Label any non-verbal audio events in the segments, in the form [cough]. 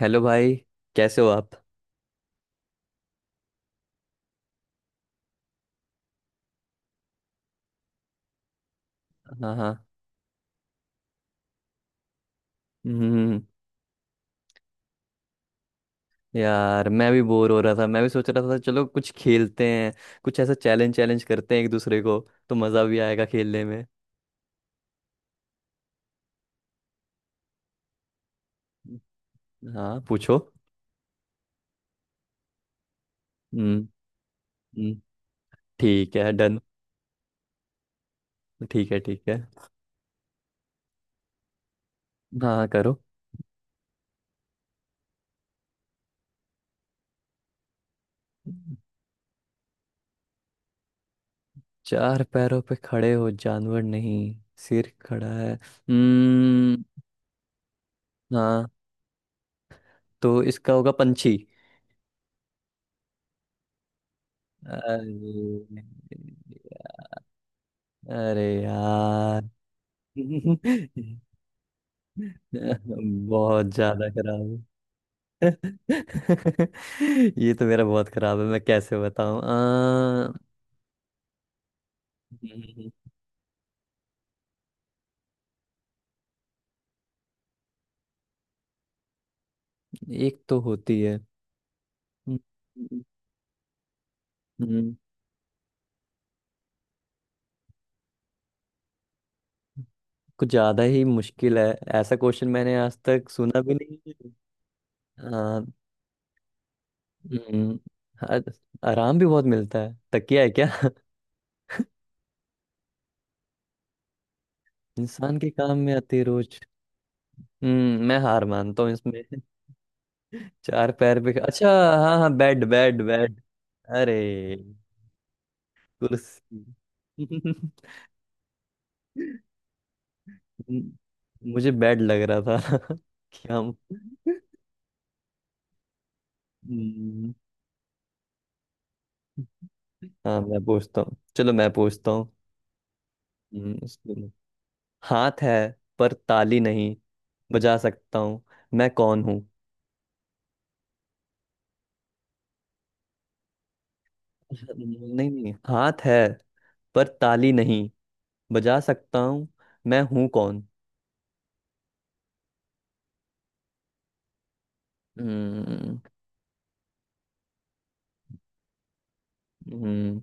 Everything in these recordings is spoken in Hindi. हेलो भाई। कैसे हो आप? हाँ हाँ। हम्म। यार मैं भी बोर हो रहा था मैं भी सोच रहा था चलो कुछ खेलते हैं। कुछ ऐसा चैलेंज चैलेंज करते हैं एक दूसरे को तो मज़ा भी आएगा खेलने में। हाँ पूछो। हम्म। हम्म, ठीक है डन। ठीक है ठीक है। हाँ हाँ, करो। चार पैरों पे खड़े हो जानवर नहीं सिर खड़ा है। हम्म। हाँ तो इसका होगा पंछी। अरे अरे यार। [laughs] [laughs] बहुत ज्यादा खराब है। [laughs] ये तो मेरा बहुत खराब है मैं कैसे बताऊं? एक तो होती है। हम्म, हम्म, कुछ ज्यादा ही मुश्किल है। ऐसा क्वेश्चन मैंने आज तक सुना भी नहीं है। हम्म, आ- आराम भी बहुत मिलता है तकिया है क्या? [laughs] इंसान के काम में आती है रोज। मैं हार मानता हूँ इसमें। [laughs] चार पैर पे अच्छा। हाँ हाँ बेड बेड बेड। अरे कुर्सी। [laughs] मुझे बैड लग रहा था [laughs] कि हम। हम्म, हाँ मैं पूछता हूँ चलो मैं पूछता हूँ। हम्म, इसको- हाथ है पर ताली नहीं बजा सकता हूँ। मैं कौन हूँ? [laughs] नहीं नहीं हाथ है पर ताली नहीं बजा सकता हूँ। मैं हूँ कौन? हम्म। हम्म,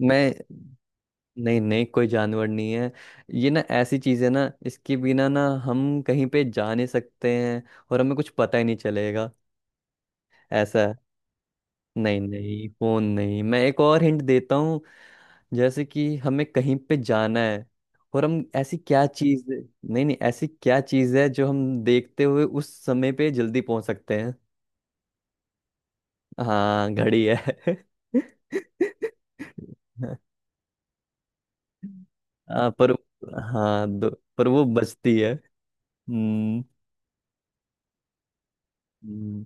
मैं, नहीं नहीं कोई जानवर नहीं है। ये ना ऐसी चीज है ना इसके बिना ना हम कहीं पे जा नहीं सकते हैं। और हमें कुछ पता ही नहीं चलेगा। ऐसा है। नहीं नहीं फोन नहीं। मैं एक और हिंट देता हूँ। जैसे कि हमें कहीं पे जाना है। और हम ऐसी क्या चीज, नहीं नहीं, ऐसी क्या चीज है जो हम देखते हुए उस समय पे जल्दी पहुंच सकते हैं? हाँ घड़ी है। [laughs] हाँ, पर। हाँ दो। पर वो बचती है। हम्म। हम्म।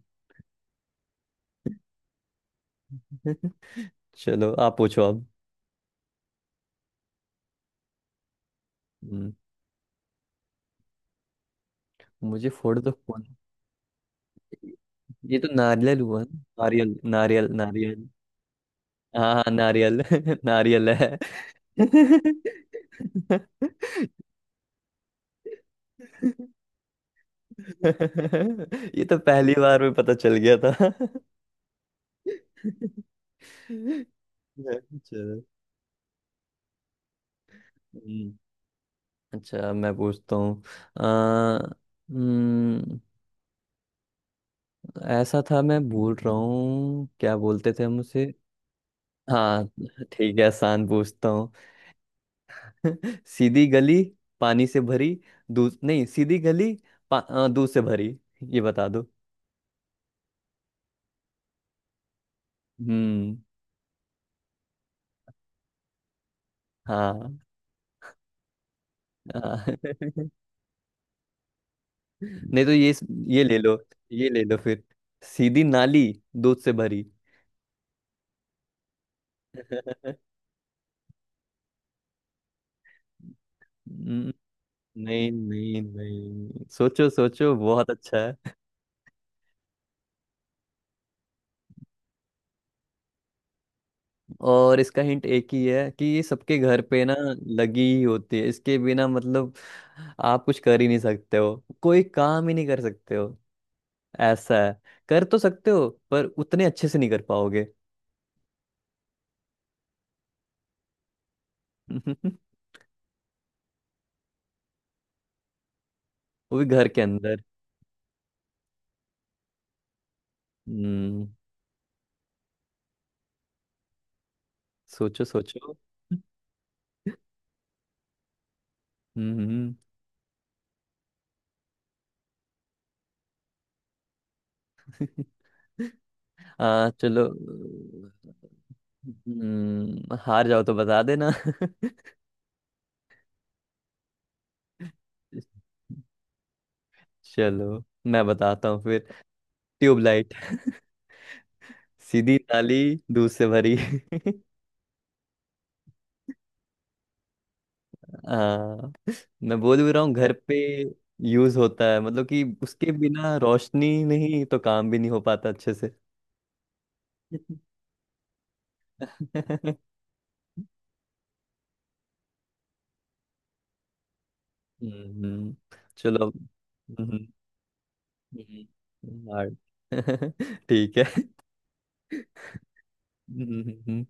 [laughs] चलो आप पूछो अब। हम्म, मुझे फोड़ तो कौन? ये तो नारियल हुआ ना नारियल नारियल नारियल। हाँ हाँ नारियल। [laughs] नारियल है। [laughs] ये तो पहली बार में पता चल गया था। [laughs] चलो। हम्म, अच्छा मैं पूछता हूँ। अ, हम्म, ऐसा था मैं भूल रहा हूँ क्या बोलते थे हम उसे। हाँ ठीक है आसान पूछता हूँ। [laughs] सीधी गली पानी से भरी। दूध नहीं सीधी गली। दूध से भरी। ये बता दो। हम्म। हाँ हाँ। [laughs] नहीं तो ये। ये ले लो। ये ले लो फिर। सीधी नाली दूध से भरी। [laughs] हम्म, नहीं नहीं नहीं सोचो सोचो बहुत अच्छा। और इसका हिंट एक ही है कि ये सबके घर पे ना लगी ही होती है, इसके बिना मतलब आप कुछ कर ही नहीं सकते हो, कोई काम ही नहीं कर सकते हो। ऐसा है। कर तो सकते हो पर उतने अच्छे से नहीं कर पाओगे। [laughs] वो भी घर के अंदर। हम्म। सोचो सोचो। हम्म। [laughs] चलो। हार जाओ तो बता देना। [laughs] चलो मैं बताता हूँ फिर। ट्यूबलाइट। सीधी ताली दूध से भरी। [laughs] हाँ मैं बोल भी रहा हूँ घर पे यूज होता है मतलब कि उसके बिना रोशनी नहीं तो काम भी नहीं हो पाता अच्छे से। [laughs] हम्म। चलो। Hard। [laughs] ठीक है। हम्म,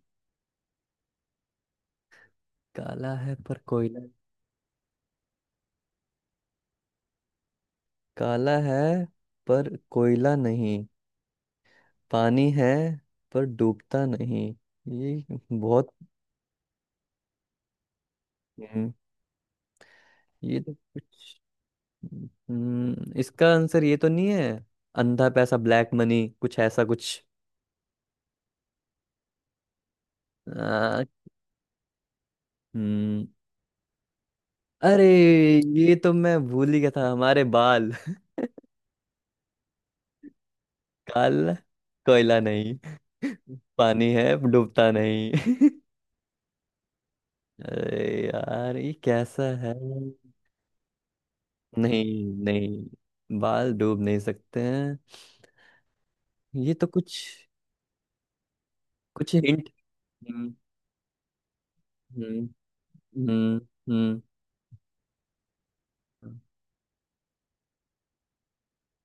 काला है पर कोयला। काला है पर कोयला नहीं। पानी है पर डूबता नहीं। ये बहुत। हम्म, ये तो कुछ। इसका आंसर ये तो नहीं है? अंधा पैसा ब्लैक मनी कुछ ऐसा कुछ। आ, हम्म अरे ये तो मैं भूल ही गया था हमारे बाल। [laughs] काल कोयला नहीं। [laughs] पानी है डूबता नहीं। [laughs] अरे यार ये कैसा है? नहीं नहीं बाल डूब नहीं सकते हैं। ये तो कुछ। कुछ हिंट। हम्म हम्म हम्म हम्म।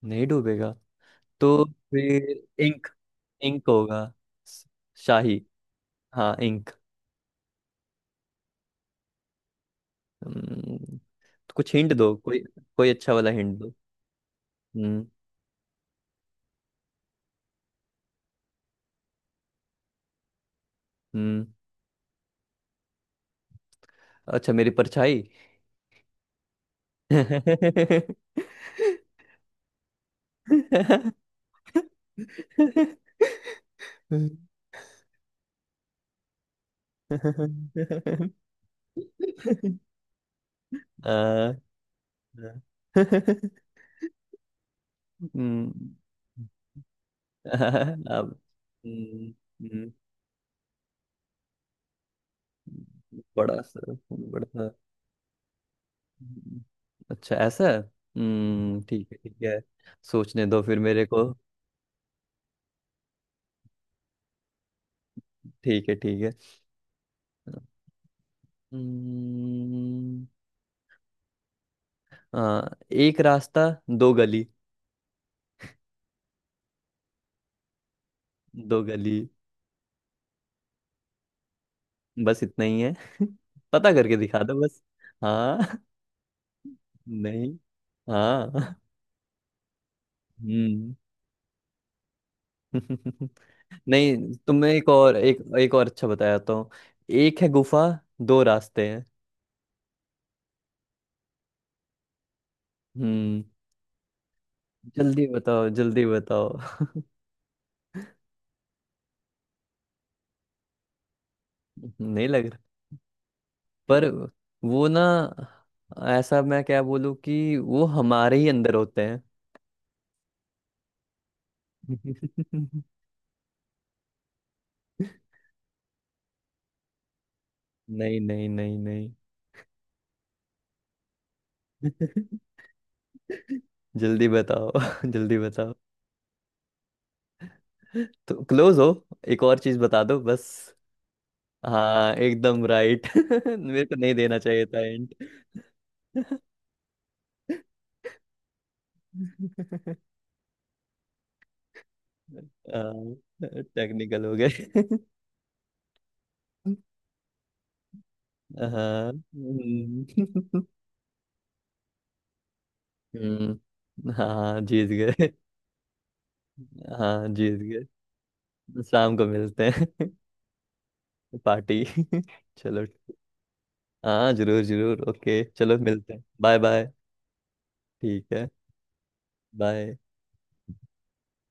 नहीं डूबेगा। तो फिर इंक। इंक होगा। स- शाही। हाँ इंक। हम्म, कुछ हिंट दो कोई। कोई अच्छा वाला हिंट दो। हम्म हम्म। अच्छा मेरी परछाई। [laughs] आ, हम्म, अब हम्म, हम्म, बड़ा सा बड़ा सा। हम्म, अच्छा ऐसा है? ठीक है ठीक है। सोचने दो फिर मेरे को। ठीक है ठीक है। हम्म, एक रास्ता दो गली। दो गली। बस इतना ही है। [laughs] पता करके दिखा दो बस। हाँ। [laughs] नहीं। हाँ। हम्म। [laughs] नहीं तुम्हें एक और एक एक और अच्छा बताता हूँ। एक है गुफा दो रास्ते हैं। हम्म। जल्दी बताओ जल्दी बताओ। [laughs] नहीं लग रहा। पर वो ना ऐसा मैं क्या बोलूँ कि वो हमारे ही अंदर होते हैं। [laughs] नहीं नहीं नहीं नहीं। [laughs] जल्दी बताओ [laughs] जल्दी बताओ। तो क्लोज हो एक और चीज बता दो बस। हाँ एकदम राइट। [laughs] मेरे को नहीं देना चाहिए था एंड। [laughs] टेक्निकल हो गए। [laughs] हाँ हम्म। [laughs] हाँ जीत गए। हाँ जीत गए। शाम को मिलते हैं। [laughs] पार्टी। [laughs] चलो। हाँ जरूर जरूर ओके चलो मिलते हैं बाय बाय। ठीक है। बाय।